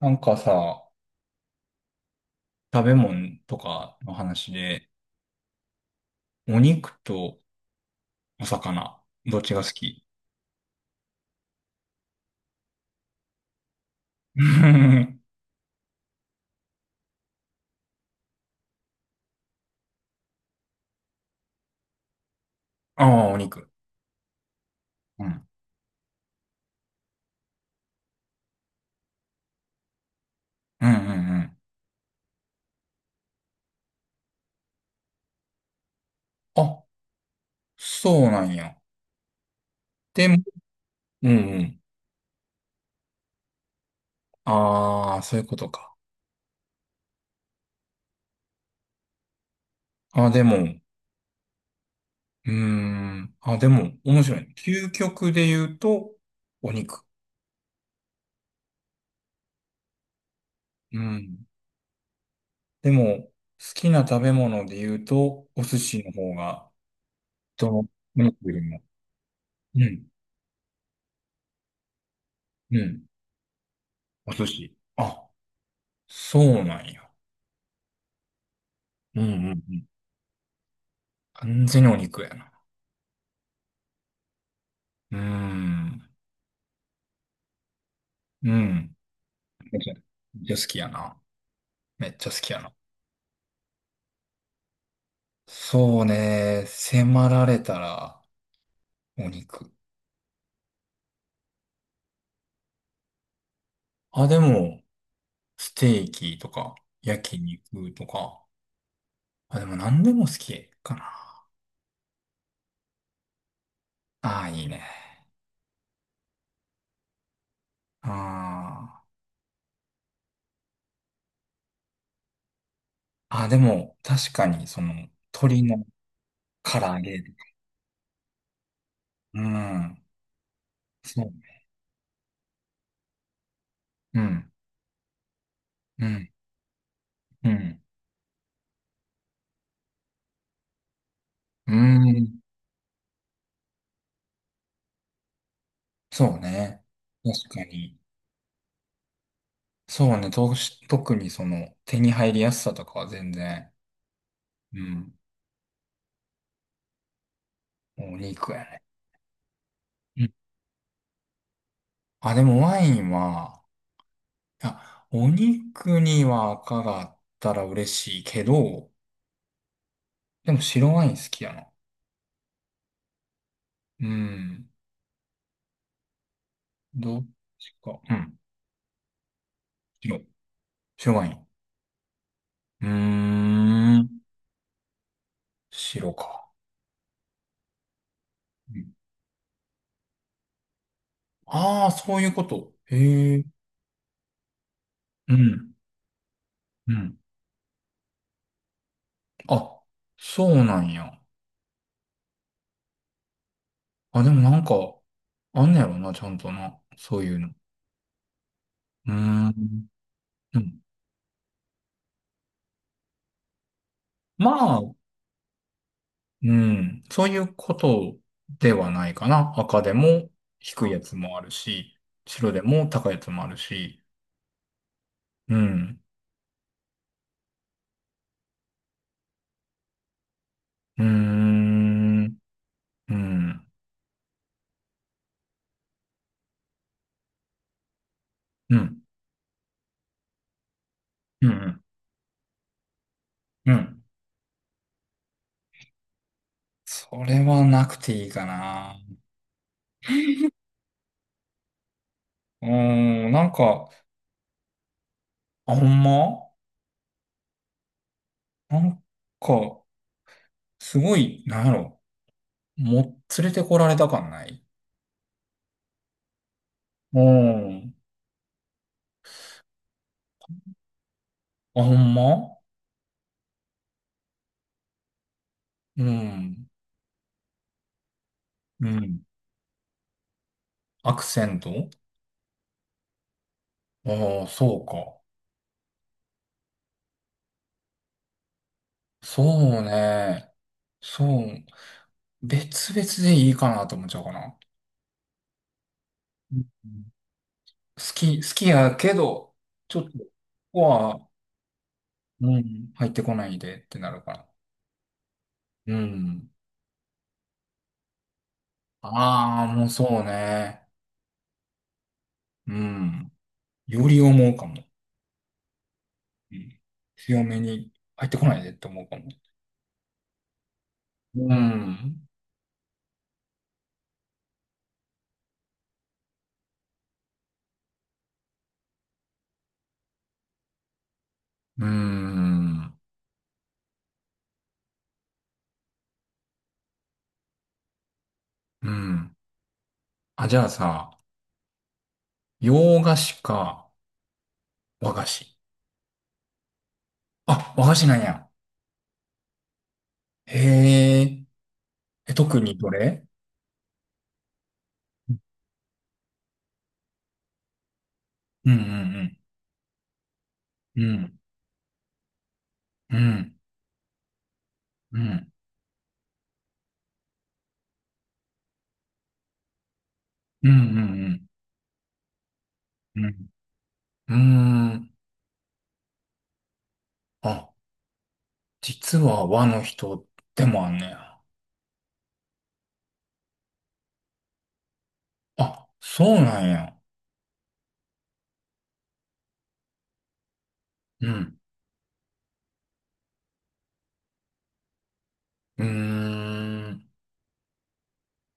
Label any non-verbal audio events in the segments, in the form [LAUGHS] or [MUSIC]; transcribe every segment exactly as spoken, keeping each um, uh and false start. なんかさ、食べ物とかの話で、お肉とお魚、どっちが好き？うん。 [LAUGHS] ああ、お肉。うん。うんうんうん。あ、そうなんや。でも、うんうん。ああ、そういうことか。あ、でも、うーん。あ、でも、面白いね。究極で言うと、お肉。うん。でも、好きな食べ物で言うと、お寿司の方が、どのお肉よりも。うん。うん。お寿司。あ、そうなんや。うんうんうん。完全にお肉やな。うーん。うん。めっちゃめっちゃ好きやな。めっちゃ好きやな。そうね。迫られたら、お肉。あ、でも、ステーキとか、焼肉とか。あ、でも何でも好きかな。ああ、いいね。ああ。あ、でも、確かに、その、鶏の唐揚げとか。うん。そう。うん。うん。うん。うん。そうね。確かに。そうね。とし特にその手に入りやすさとかは全然、うん。お肉やね。うん、あ、でもワインは、あ、お肉には赤があったら嬉しいけど、でも白ワイン好きやな。うん。どっちか。うん。白。白ワイン。うーん。白か。ああー、そういうこと。へえ。うん。うん。あ、そうなんや。あ、でもなんか、あんねやろな、ちゃんとな。そういうの。うーん。うん、まあ、うん。そういうことではないかな。赤でも低いやつもあるし、白でも高いやつもあるし。うん。うーん。うん。うん。うん。うん。それはなくていいかな。うーん。なんか、あ、ほんまなんか、すごい、なんやろ。も、連れてこられた感ない？うん。あ、ほんま？うん。うん。アクセント。ああ、そうか。そうね。そう。別々でいいかなと思っちゃうかな。うん。好き、好きやけど、ちょっと、ここは、うん、入ってこないでってなるから。うん。ああ、もうそうね。うん。より思うかも。うん。強めに入ってこないでって思うかも。うん。うん。うん。あ、じゃあさ、洋菓子か和菓子？あ、和菓子なんや。へええ。特にどれ？うんうんうん。うん。うん。うん。うんうんうん。うん。うーん。あ、実は和の人でもあんねや。あ、そうなんや。うん。うーん。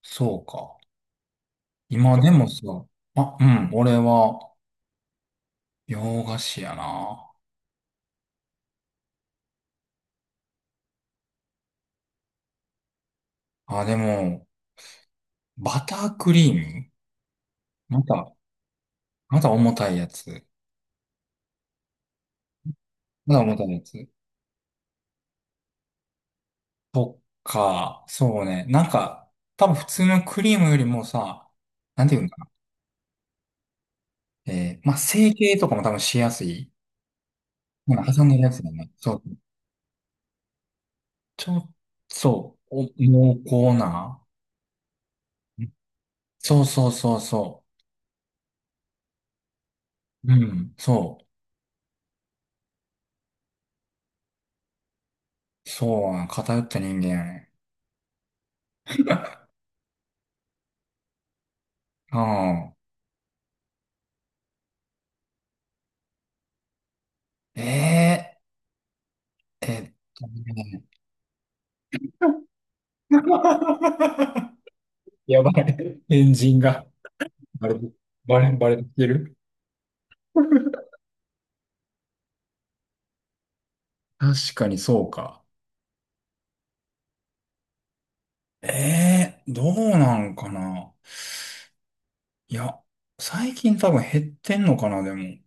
そうか。今でもさ、あ、うん。俺は洋菓子やな。あ、でも、バタークリーム。また、また重たいやつ。まだ持たないやつ。そっか、そうね。なんか、多分普通のクリームよりもさ、なんていうんかな。えー、まあ、成形とかも多分しやすい。なんか挟んでるやつだね。そう。ちょ、そう、お、濃厚な。うん、そうそうそうそう。うん、そう。そうな、偏った人間やね。うん。えー、えー、[LAUGHS] やばい。エンジンが。バレ、バレ、バレてる？確かにそうか。ええー、どうなんかな。いや、最近多分減ってんのかな、でも。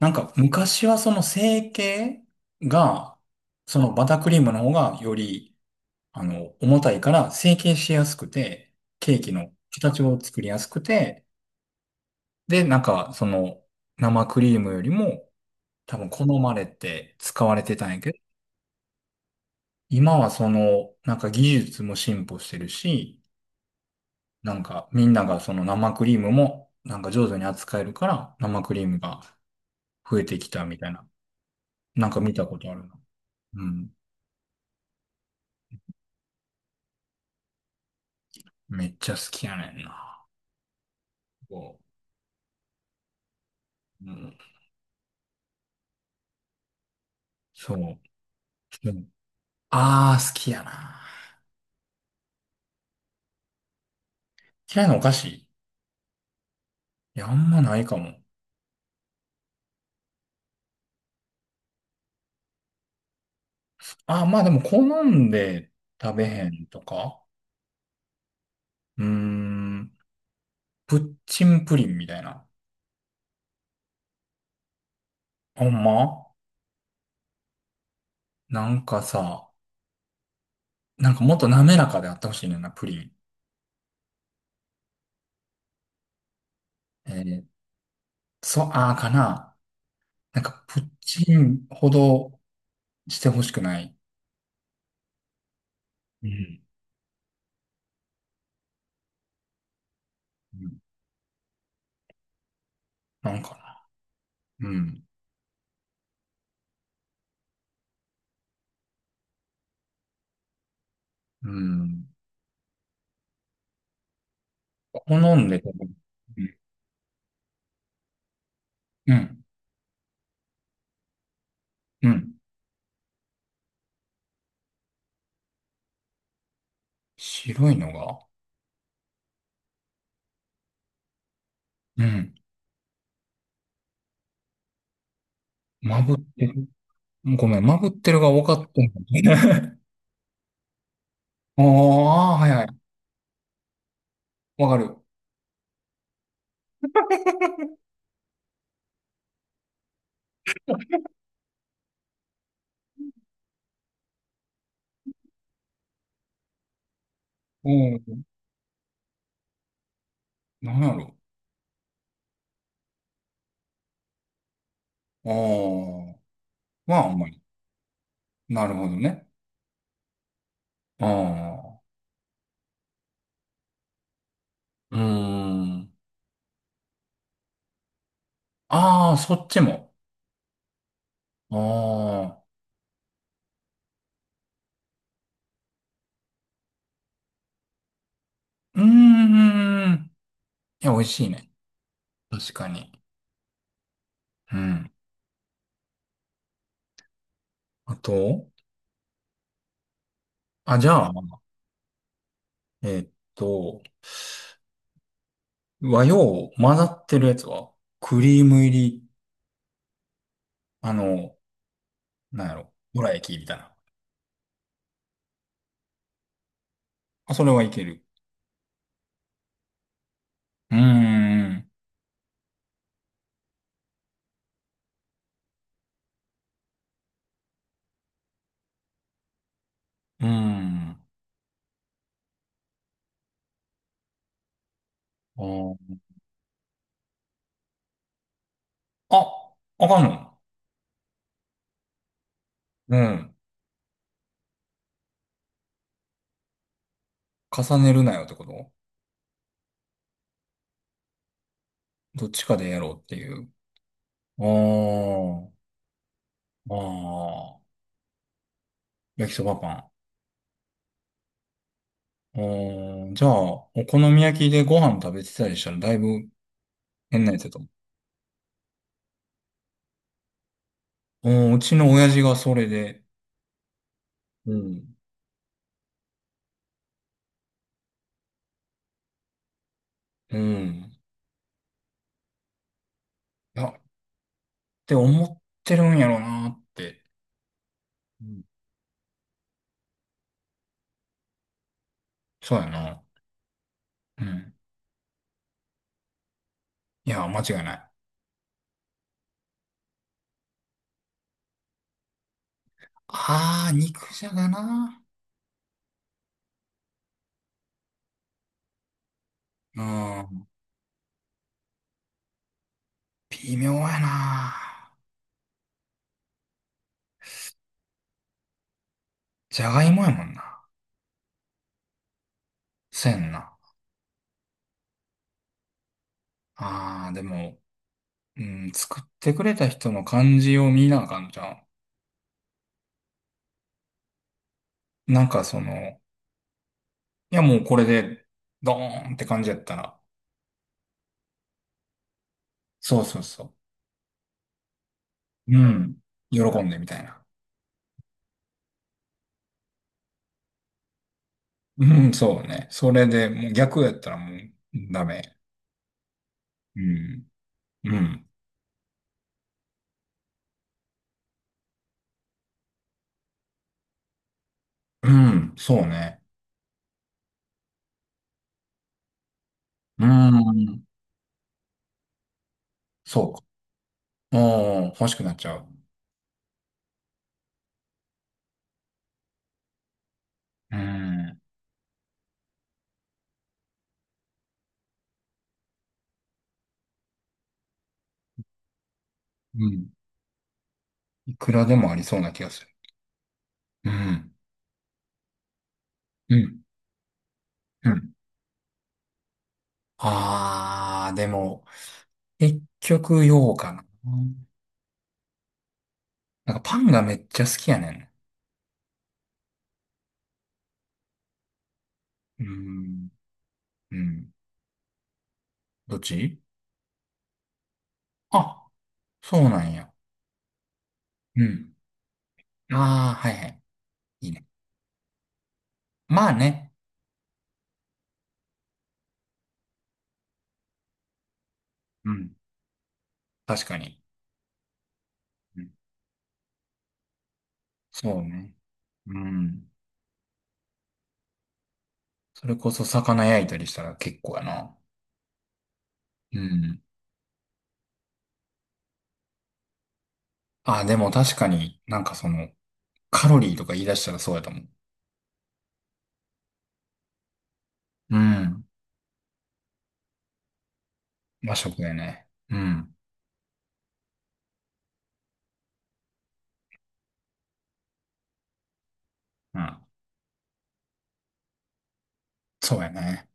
なんか昔はその成形が、そのバタークリームの方がより、あの、重たいから成形しやすくて、ケーキの形を作りやすくて、で、なんかその生クリームよりも多分好まれて使われてたんやけど、今はその、なんか技術も進歩してるし、なんか、みんながその生クリームも、なんか上手に扱えるから、生クリームが増えてきたみたいな。なんか見たことあるな。うん。めっちゃ好きやねんな。こう。うん。そう。うん、ああ、好きやな。嫌いなお菓子？いや、あんまないかも。ああ、まあでも好んで食べへんとか。うーん。プッチンプリンみたいな。ほんま？なんかさ、なんかもっと滑らかであってほしいねんな、プリン。えー、そう、ああかな。なんか、プッチンほどしてほしくない。うん。うん。なんかな。うん。うん。好んで食べる。うん。うん。うん。白いのが、うん。まぶってる。ごめん、まぶってるが多かったんだね。[LAUGHS] ああ、はいはい。わかる。うん。なんやろ。ああ。まあ、あんまり。なるほどね。ああ。うーん。ああ、そっちも。ああ。うーん。いや、美味しいね。確かに。うん。あと、あ、じゃあ、えーっと、和洋混ざってるやつは、クリーム入り、あの、なんやろ、どら焼きみたいな。あ、それはいける。うーん、うーん。あ、ああかんの？うん。重ねるなよってこと？どっちかでやろうっていう。あー、あー、焼きそばパン。あー、じゃあ、お好み焼きでご飯食べてたりしたらだいぶ変なやつだと思う。うん、うちの親父がそれで、うん。うん。いやって思ってるんやろうなって。うん、そうやな。うん。いや、間違いない。あー、肉じゃがな。うん。微妙やな。じゃがいもやもんな。せんな。あー、でも、うん、作ってくれた人の感じを見なあかんじゃん。なんかその、いやもうこれで、ドーンって感じやったら。そうそうそう。うん。喜んでみたいな。うん、そうね。それで、もう逆やったらもうダメ。うん。うん。うん、そうね。うん。そうか。うん、欲しくなっちゃう。うん。うん。いくらでもありそうな気がする。うん。うん。うん。あー、でも、結局、ようかな。なんかパンがめっちゃ好きやねん。うん。うん。どっちあ、そうなんや。うん。あー、はいはい。いいね。まあね。うん。確かに。そうね。うん。それこそ魚焼いたりしたら結構やな。うん。あ、でも確かになんかその、カロリーとか言い出したらそうやと思う。うん。和食やね。うん。うん。そうやね。